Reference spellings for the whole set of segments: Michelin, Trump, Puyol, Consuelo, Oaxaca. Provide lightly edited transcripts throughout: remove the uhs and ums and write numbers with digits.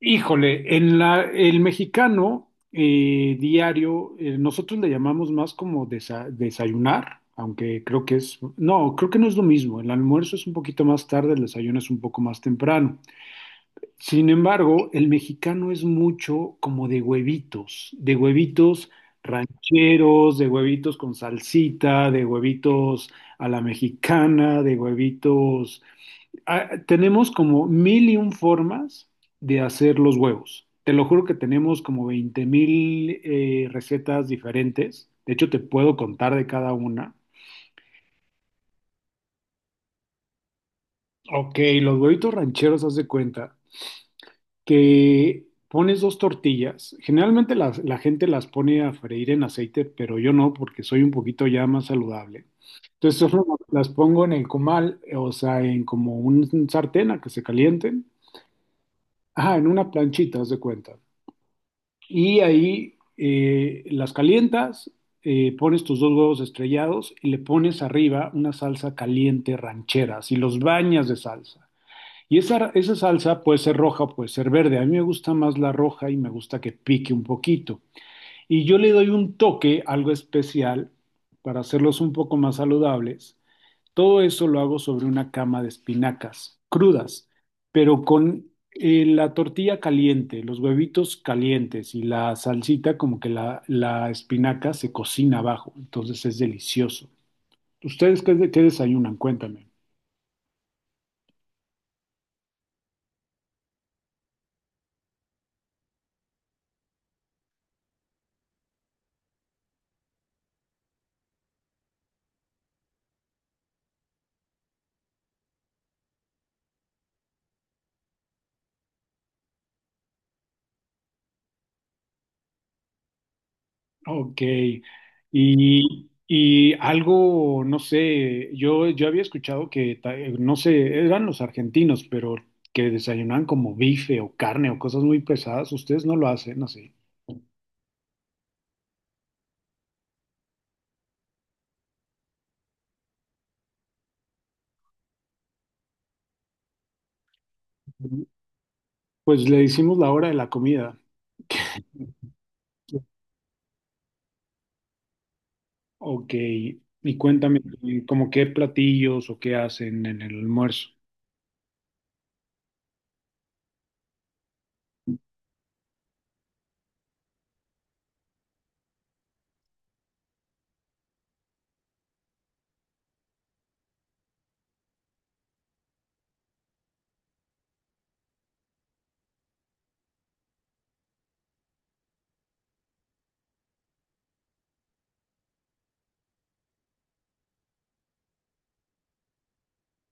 Híjole, el mexicano diario, nosotros le llamamos más como desayunar, aunque creo que es, no, creo que no es lo mismo. El almuerzo es un poquito más tarde, el desayuno es un poco más temprano. Sin embargo, el mexicano es mucho como de huevitos rancheros, de huevitos con salsita, de huevitos a la mexicana, de huevitos. Ah, tenemos como mil y un formas de hacer los huevos. Te lo juro que tenemos como 20.000 recetas diferentes. De hecho, te puedo contar de cada una. Ok, los huevitos rancheros, haz de cuenta, que pones dos tortillas. Generalmente la gente las pone a freír en aceite, pero yo no, porque soy un poquito ya más saludable. Entonces solo las pongo en el comal, o sea, en como un sartén a que se calienten. Ajá, en una planchita, haz de cuenta. Y ahí las calientas, pones tus dos huevos estrellados y le pones arriba una salsa caliente ranchera, y los bañas de salsa. Y esa salsa puede ser roja o puede ser verde. A mí me gusta más la roja y me gusta que pique un poquito. Y yo le doy un toque, algo especial, para hacerlos un poco más saludables. Todo eso lo hago sobre una cama de espinacas crudas, pero con la tortilla caliente, los huevitos calientes y la salsita, como que la espinaca se cocina abajo. Entonces es delicioso. ¿Ustedes qué desayunan? Cuéntame. Ok, y algo, no sé, yo había escuchado que, no sé, eran los argentinos, pero que desayunaban como bife o carne o cosas muy pesadas, ustedes no lo hacen así. Pues le hicimos la hora de la comida. Ok, y cuéntame, ¿como qué platillos o qué hacen en el almuerzo?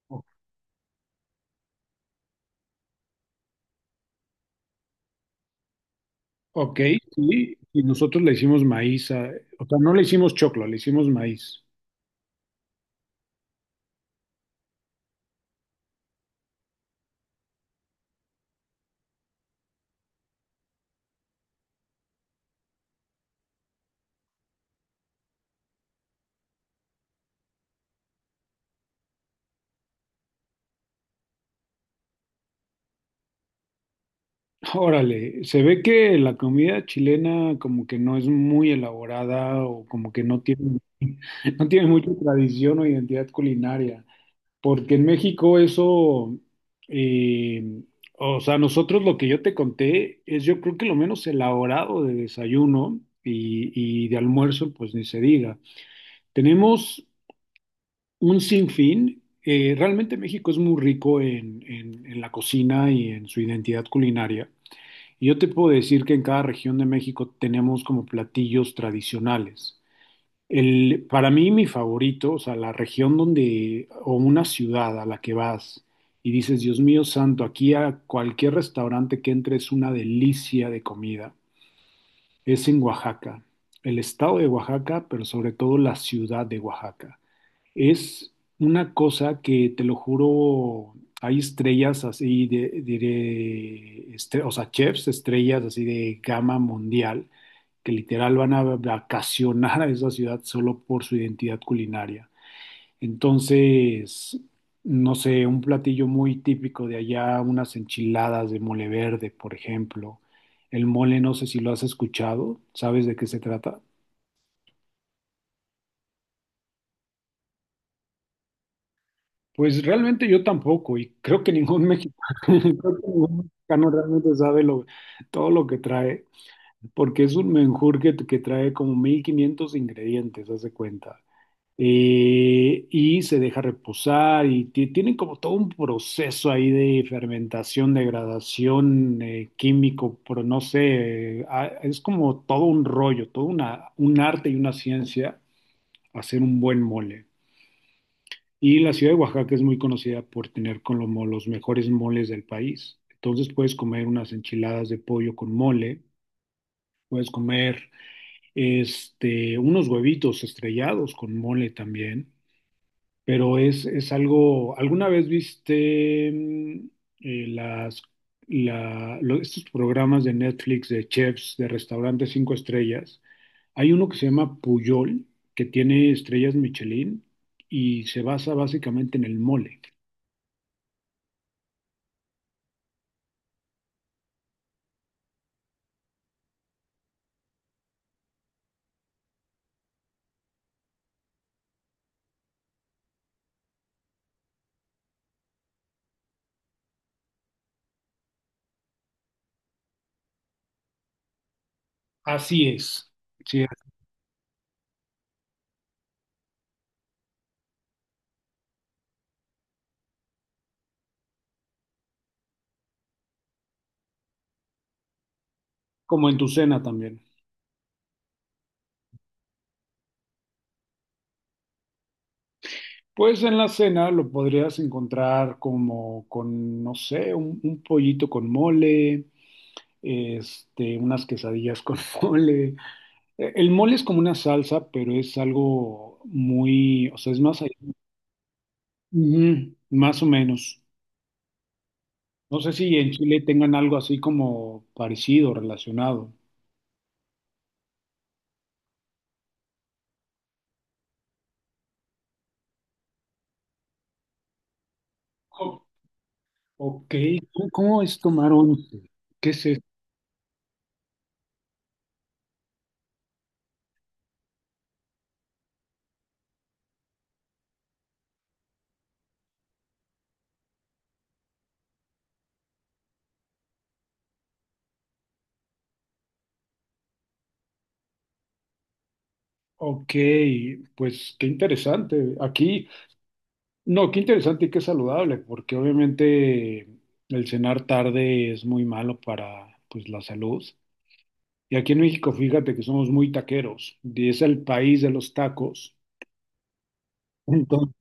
O- Ok, sí, y nosotros le hicimos maíz, o sea, no le hicimos choclo, le hicimos maíz. Órale, se ve que la comida chilena como que no es muy elaborada o como que no tiene, no tiene mucha tradición o identidad culinaria, porque en México eso, eh, o sea, nosotros lo que yo te conté es yo creo que lo menos elaborado de desayuno y de almuerzo, pues ni se diga. Tenemos un sinfín, realmente México es muy rico en la cocina y en su identidad culinaria. Y yo te puedo decir que en cada región de México tenemos como platillos tradicionales. El, para mí, mi favorito, o sea, la región donde, o una ciudad a la que vas y dices, Dios mío santo, aquí a cualquier restaurante que entre es una delicia de comida, es en Oaxaca, el estado de Oaxaca, pero sobre todo la ciudad de Oaxaca. Es una cosa que, te lo juro, hay estrellas así, de, diré, o sea, chefs, estrellas así de gama mundial, que literal van a vacacionar a esa ciudad solo por su identidad culinaria. Entonces, no sé, un platillo muy típico de allá, unas enchiladas de mole verde, por ejemplo. El mole, no sé si lo has escuchado, ¿sabes de qué se trata? Pues realmente yo tampoco, y creo que ningún mexicano, creo que ningún mexicano realmente sabe todo lo que trae, porque es un menjurje que trae como 1.500 ingredientes, haz de cuenta. Y se deja reposar, y tienen como todo un proceso ahí de fermentación, degradación, químico, pero no sé, es como todo un rollo, todo un arte y una ciencia hacer un buen mole. Y la ciudad de Oaxaca es muy conocida por tener como los mejores moles del país. Entonces puedes comer unas enchiladas de pollo con mole, puedes comer este, unos huevitos estrellados con mole también, pero es algo, ¿alguna vez viste eh, las, estos programas de Netflix de chefs de restaurantes cinco estrellas? Hay uno que se llama Puyol, que tiene estrellas Michelin y se basa básicamente en el mole. Así es, sí, como en tu cena también. Pues en la cena lo podrías encontrar como con, no sé, un pollito con mole, este, unas quesadillas con mole. El mole es como una salsa, pero es algo muy, o sea, es más allá. Ujú, más o menos. No sé si en Chile tengan algo así como parecido, relacionado. Oh, ok, ¿cómo es tomar once? ¿Qué es eso? Ok, pues qué interesante. Aquí, no, qué interesante y qué saludable, porque obviamente el cenar tarde es muy malo para pues la salud. Y aquí en México, fíjate que somos muy taqueros, y es el país de los tacos. Entonces,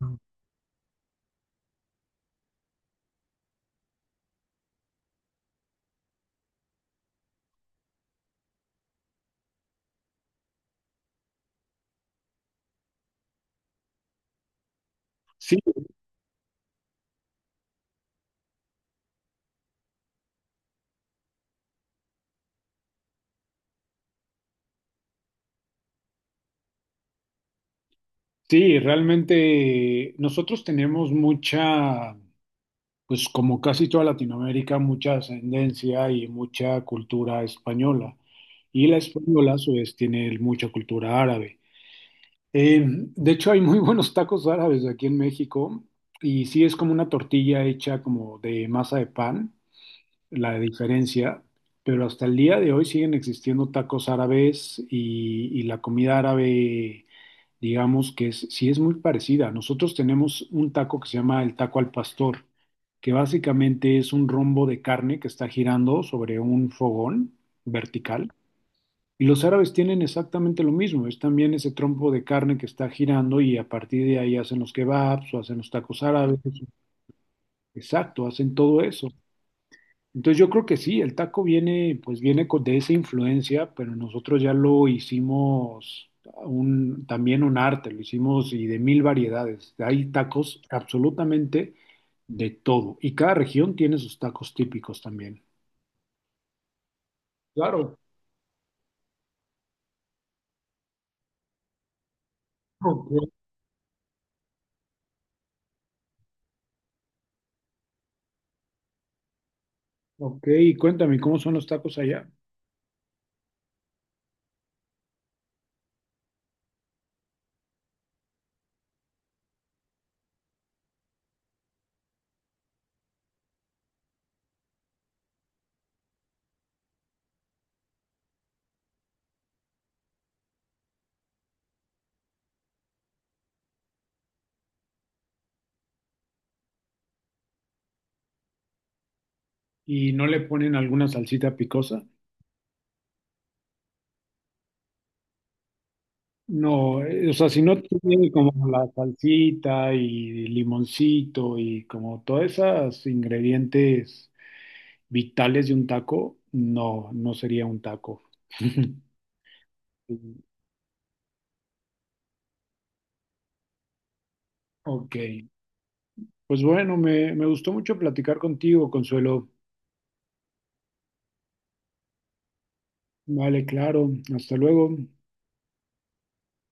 sí, sí, realmente nosotros tenemos mucha, pues como casi toda Latinoamérica, mucha ascendencia y mucha cultura española. Y la española, a su vez, tiene mucha cultura árabe. Eh, de hecho, hay muy buenos tacos árabes aquí en México y sí es como una tortilla hecha como de masa de pan, la diferencia, pero hasta el día de hoy siguen existiendo tacos árabes y la comida árabe, digamos que es, sí es muy parecida. Nosotros tenemos un taco que se llama el taco al pastor, que básicamente es un rombo de carne que está girando sobre un fogón vertical. Y los árabes tienen exactamente lo mismo, es también ese trompo de carne que está girando y a partir de ahí hacen los kebabs o hacen los tacos árabes, exacto, hacen todo eso. Entonces yo creo que sí, el taco viene, pues viene de esa influencia, pero nosotros ya lo hicimos un, también un arte, lo hicimos y de mil variedades. Hay tacos absolutamente de todo y cada región tiene sus tacos típicos también. Claro. Ok, ok, y cuéntame, ¿cómo son los tacos allá? Y no le ponen alguna salsita picosa. No, o sea, si no tiene como la salsita y limoncito y como todos esos ingredientes vitales de un taco, no, no sería un taco. Sí, ok, pues bueno, me gustó mucho platicar contigo, Consuelo. Vale, claro, hasta luego.